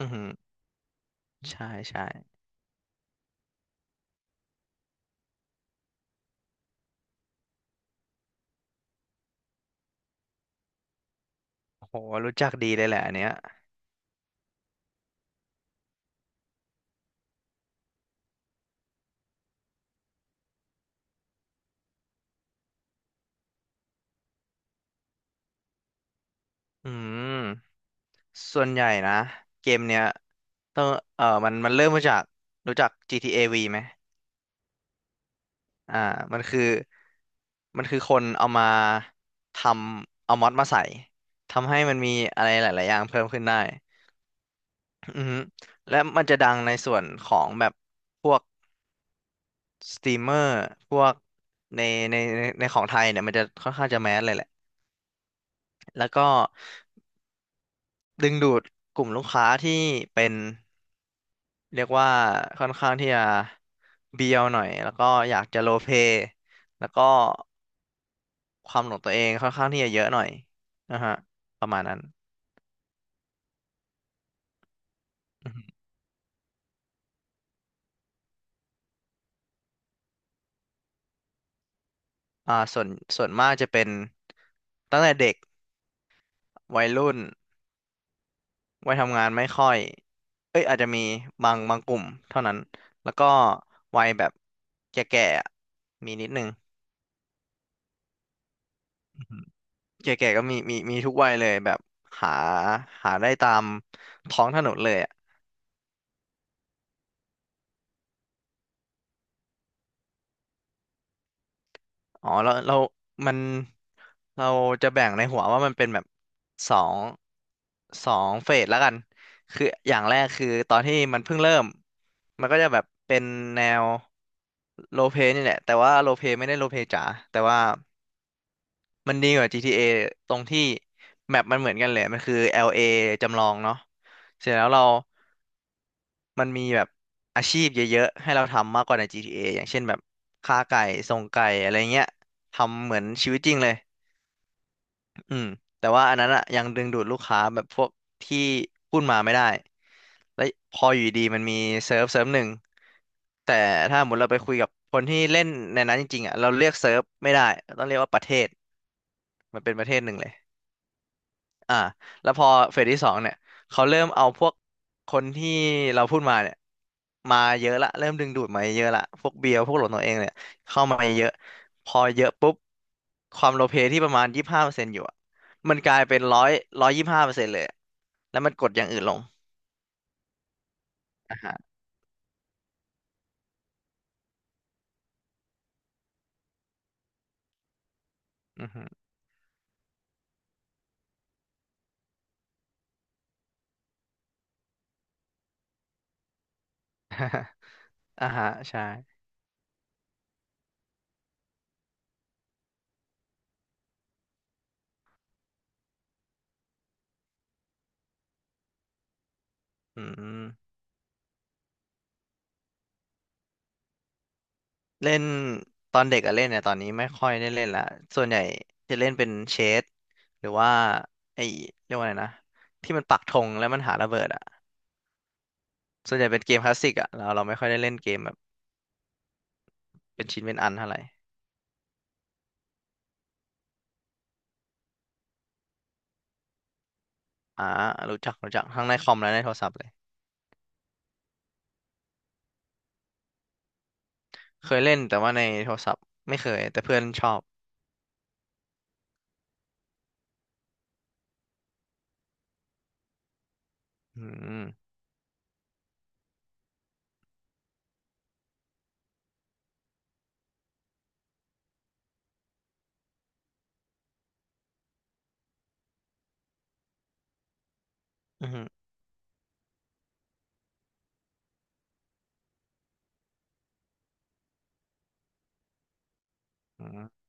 อือหือใช่ใช่โหรู้จักดีเลยแหละอันเนี้ยอืมส่วนใหญ่นะเกมเนี้ยต้องเออมันเริ่มมาจากรู้จัก GTA V ไหมอ่ามันคือมันคือคนเอามาทำเอามอดมาใส่ทำให้มันมีอะไรหลายๆอย่างเพิ่มขึ้นได้อือฮึและมันจะดังในส่วนของแบบพวกสตรีมเมอร์พวกในในของไทยเนี่ยมันจะค่อนข้างจะแมสเลยแหละแล้วก็ ดึงดูดกลุ่มลูกค้าที่เป็นเรียกว่าค่อนข้างที่จะเบียวหน่อยแล้วก็อยากจะโลเพแล้วก็ความหลงตัวเองค่อนข้างที่จะเยอะหน่อยนะฮะประมาณนั้นอือฮึอ่าส่วนมากจะเป็นตั้งแต่เด็กวัยรุ่นวัยทำงานไม่ค่อยเอ้ยอาจจะมีบางกลุ่มเท่านั้นแล้วก็วัยแบบแก่ๆอะมีนิดนึง แก่ๆก็มีมีทุกวัยเลยแบบหาหาได้ตามท้องถนนเลยอะอ๋อเรามันเราจะแบ่งในหัวว่ามันเป็นแบบสองสองเฟสแล้วกันคืออย่างแรกคือตอนที่มันเพิ่งเริ่มมันก็จะแบบเป็นแนวโรลเพลย์นี่แหละแต่ว่าโรลเพลย์ไม่ได้โรลเพลย์จ๋าแต่ว่ามันดีกว่า GTA ตรงที่แมปมันเหมือนกันเลยมันคือ LA จำลองเนาะเสร็จแล้วเรา มันมีแบบอาชีพเยอะๆให้เราทำมากกว่าใน GTA ออย่างเช่นแบบค้าไก่ส่งไก่อะไรเงี้ยทำเหมือนชีวิตจริงเลยอืมแต่ว่าอันนั้นอะยังดึงดูดลูกค้าแบบพวกที่พูดมาไม่ได้แล้วพออยู่ดีมันมีเซิร์ฟหนึ่งแต่ถ้าสมมติเราไปคุยกับคนที่เล่นในนั้นจริงๆอะเราเรียกเซิร์ฟไม่ได้ต้องเรียกว่าประเทศมันเป็นประเทศหนึ่งเลย อ่าแล้วพอเฟสที่สองเนี่ยเขาเริ่มเอาพวกคนที่เราพูดมาเนี่ยมาเยอะละเริ่มดึงดูดมาเยอะละพวกเบียร์พวกหลดตัวเองเนี่ยเข้ามาเยอะพอเยอะปุ๊บความโลเพที่ประมาณยี่สิบห้าเปอร์เซ็นต์อยู่อะมันกลายเป็นร้อย125%เลยอะแล้วมันกดอย่างอื่นลงอ่าฮะอือฮึ อ่าฮะใช่อืม เล่นตอนเด็กอะเล่นเนี่ยตอนนี้ไม่ค่อยได้เล่นละส่วนใหญ่จะเล่นเป็นเชสหรือว่าไอ้เรียกว่าอะไรนะที่มันปักธงแล้วมันหาระเบิดอะส่วนใหญ่เป็นเกมคลาสสิกอะเราไม่ค่อยได้เล่นเกมแบบเป็นชิ้นเป็นอันเท่าไหร่อ่ารู้จักทั้งในคอมและในโทรศัพท์เลยเคยเล่นแต่ว่าในโทรศัพท์ไม่เคยแต่เพื่อนชอบอืมอืมอืม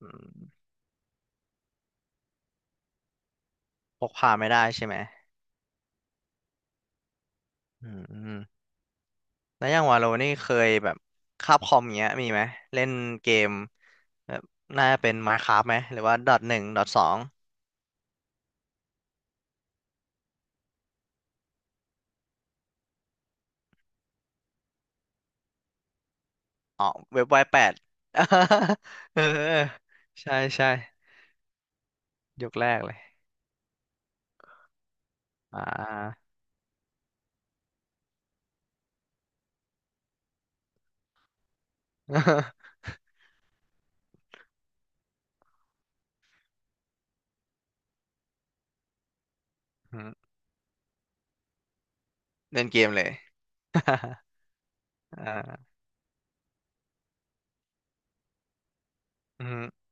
อืมพกพาไม่ได้ใช่ไหมอืมแล้วอย่างวาโลนี่เคยแบบคาบคอมเงี้ยมีไหมเล่นเกม แบบน่าจะเป็น Minecraft ไหมหรือว่าดอหนึ่งดอสองอ๋อเว็บไวแปด เออใช่ใช่ยุคแรกเลยอ่า อืมเล่นเกมเลย อ่าอืม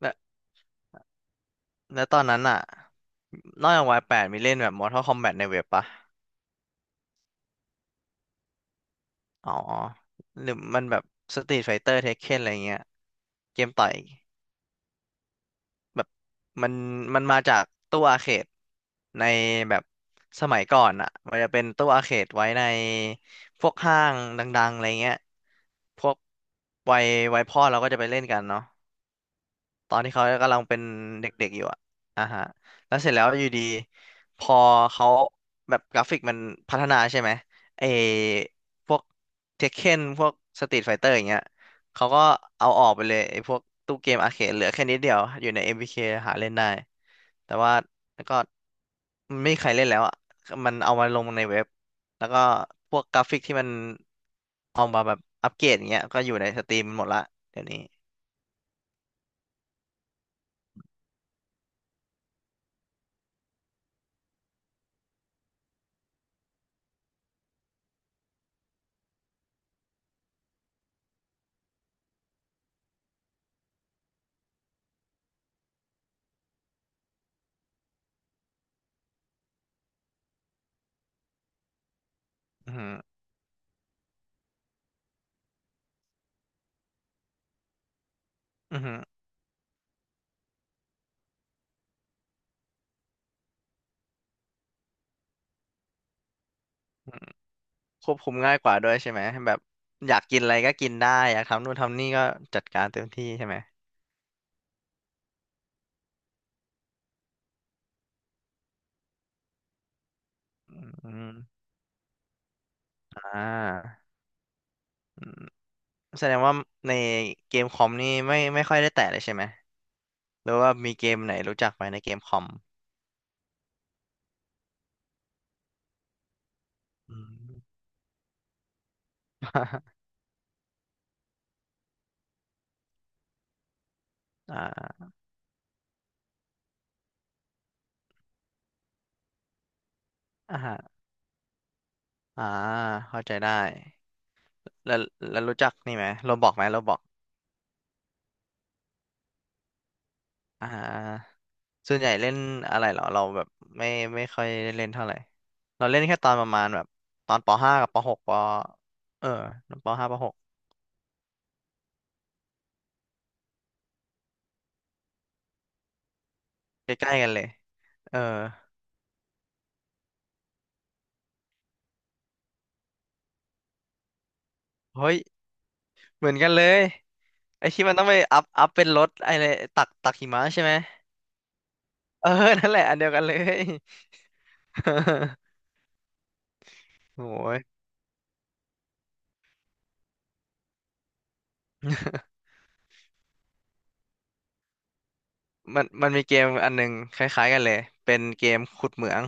แล้วแล้วตอนนั้นอ่ะนอกจากวายแปดมีเล่นแบบ Mortal Kombat ในเว็บปะอ๋อหรือมันแบบ Street Fighter Tekken อะไรเงี้ยเกมต่อย แบบมันมันมาจากตู้อาร์เขตในแบบสมัยก่อนอ่ะมันจะเป็นตู้อาร์เขตไว้ในพวกห้างดังๆอะไรเงี้ยพวกวัยวัยพ่อเราก็จะไปเล่นกันเนาะ ตอนที่เขากำลังเป็นเด็กๆอยู่อะอ่าฮะแล้วเสร็จแล้วอยู่ดี พอเขาแบบกราฟิกมันพัฒนาใช่ไหมไอพวกเทคเคนพวกสตรีทไฟเตอร์อย่างเงี้ยเขาก็เอาออกไปเลยไอพวกตู้เกมอาร์เคดเหลือแค่นิดเดียวอยู่ใน MVK หาเล่นได้ แต่ว่าแล้วก็ไม่มีใครเล่นแล้วอะมันเอามาลงในเว็บแล้วก็พวกกราฟิกที่มันเอามาแบบอัปเกรดอย่างเงี้ยก็อยู่ในสตรีมหมดละเดี๋ยวนี้อือออือหือ ควบคุมง่ายกว่าด้วยใช่ไหมแบบอยากกินอะไรก็กินได้อยากทำนู่นทำนี่ก็จัดการเต็มที่ใช่ไหมอืมอ่าอืมแสดงว่าในเกมคอมนี่ไม่ค่อยได้แตะเลยใช่ไหมหรือว่ามีเกมไหนรู้จักไหมในเกมคอมอืม อ่าอ่าอ่าเข้าใจได้แล้วแล้วรู้จักนี่ไหมโรบอกไหมโรบอก อ่าส่วนใหญ่เล่นอะไรเหรอเราแบบไม่ไม่ค่อยได้เล่นเท่าไหร่เราเล่นแค่ตอนประมาณแบบตอนปห้ากับปหกปเออปห้าปหกใกล้ๆกันเลยเออเฮ้ยเหมือนกันเลยไอ้ที่มันต้องไปอัพเป็นรถไอ้เลยตักหิมะใช่ไหมเออนั่นแหละอันเดียวกันเลย โอ้ย มันมันมีเกมอันหนึงคล้ายๆกันเลยเป็นเกมขุดเหมือง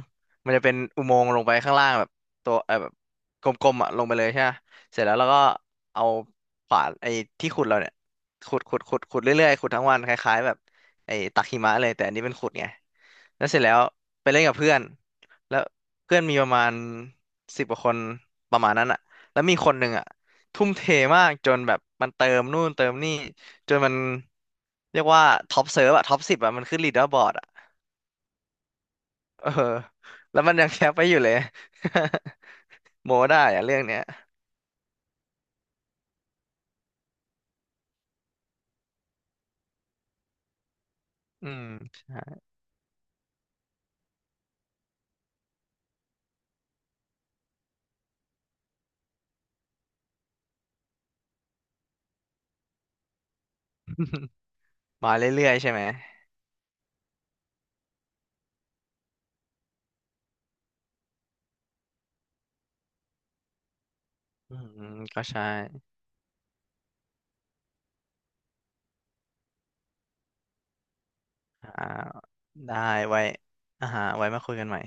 มันจะเป็นอุโมงค์ลงไปข้างล่างแบบตัวเออแบบกลมๆอ่ะลงไปเลยใช่ไหมเสร็จแล้วเราก็เอาขวานไอ้ที่ขุดเราเนี่ยขุดขุดขุดขุดเรื่อยๆขุดทั้งวันคล้ายๆแบบไอ้ตักหิมะเลยแต่อันนี้เป็นขุดไง แล้วเสร็จแล้วไปเล่นกับเพื่อนแล้วเพื่อนมีประมาณ10 กว่าคนประมาณนั้นอะแล้วมีคนหนึ่งอะทุ่มเทมากจนแบบมันเติมนู่นเติมนี่จนมันเรียกว่าท็อปเซิร์ฟอะท็อปสิบอะมันขึ้นลีดเดอร์บอร์ดอะเออแล้วมันยังแคปไปอยู่เลย โมได้อะเรื่องเนี้ยอืมใช่ มาเรื่อยๆใช่ไหมอืมก็ใช่อ่าได้ไว้อ่าฮะไว้มาคุยกันใหม่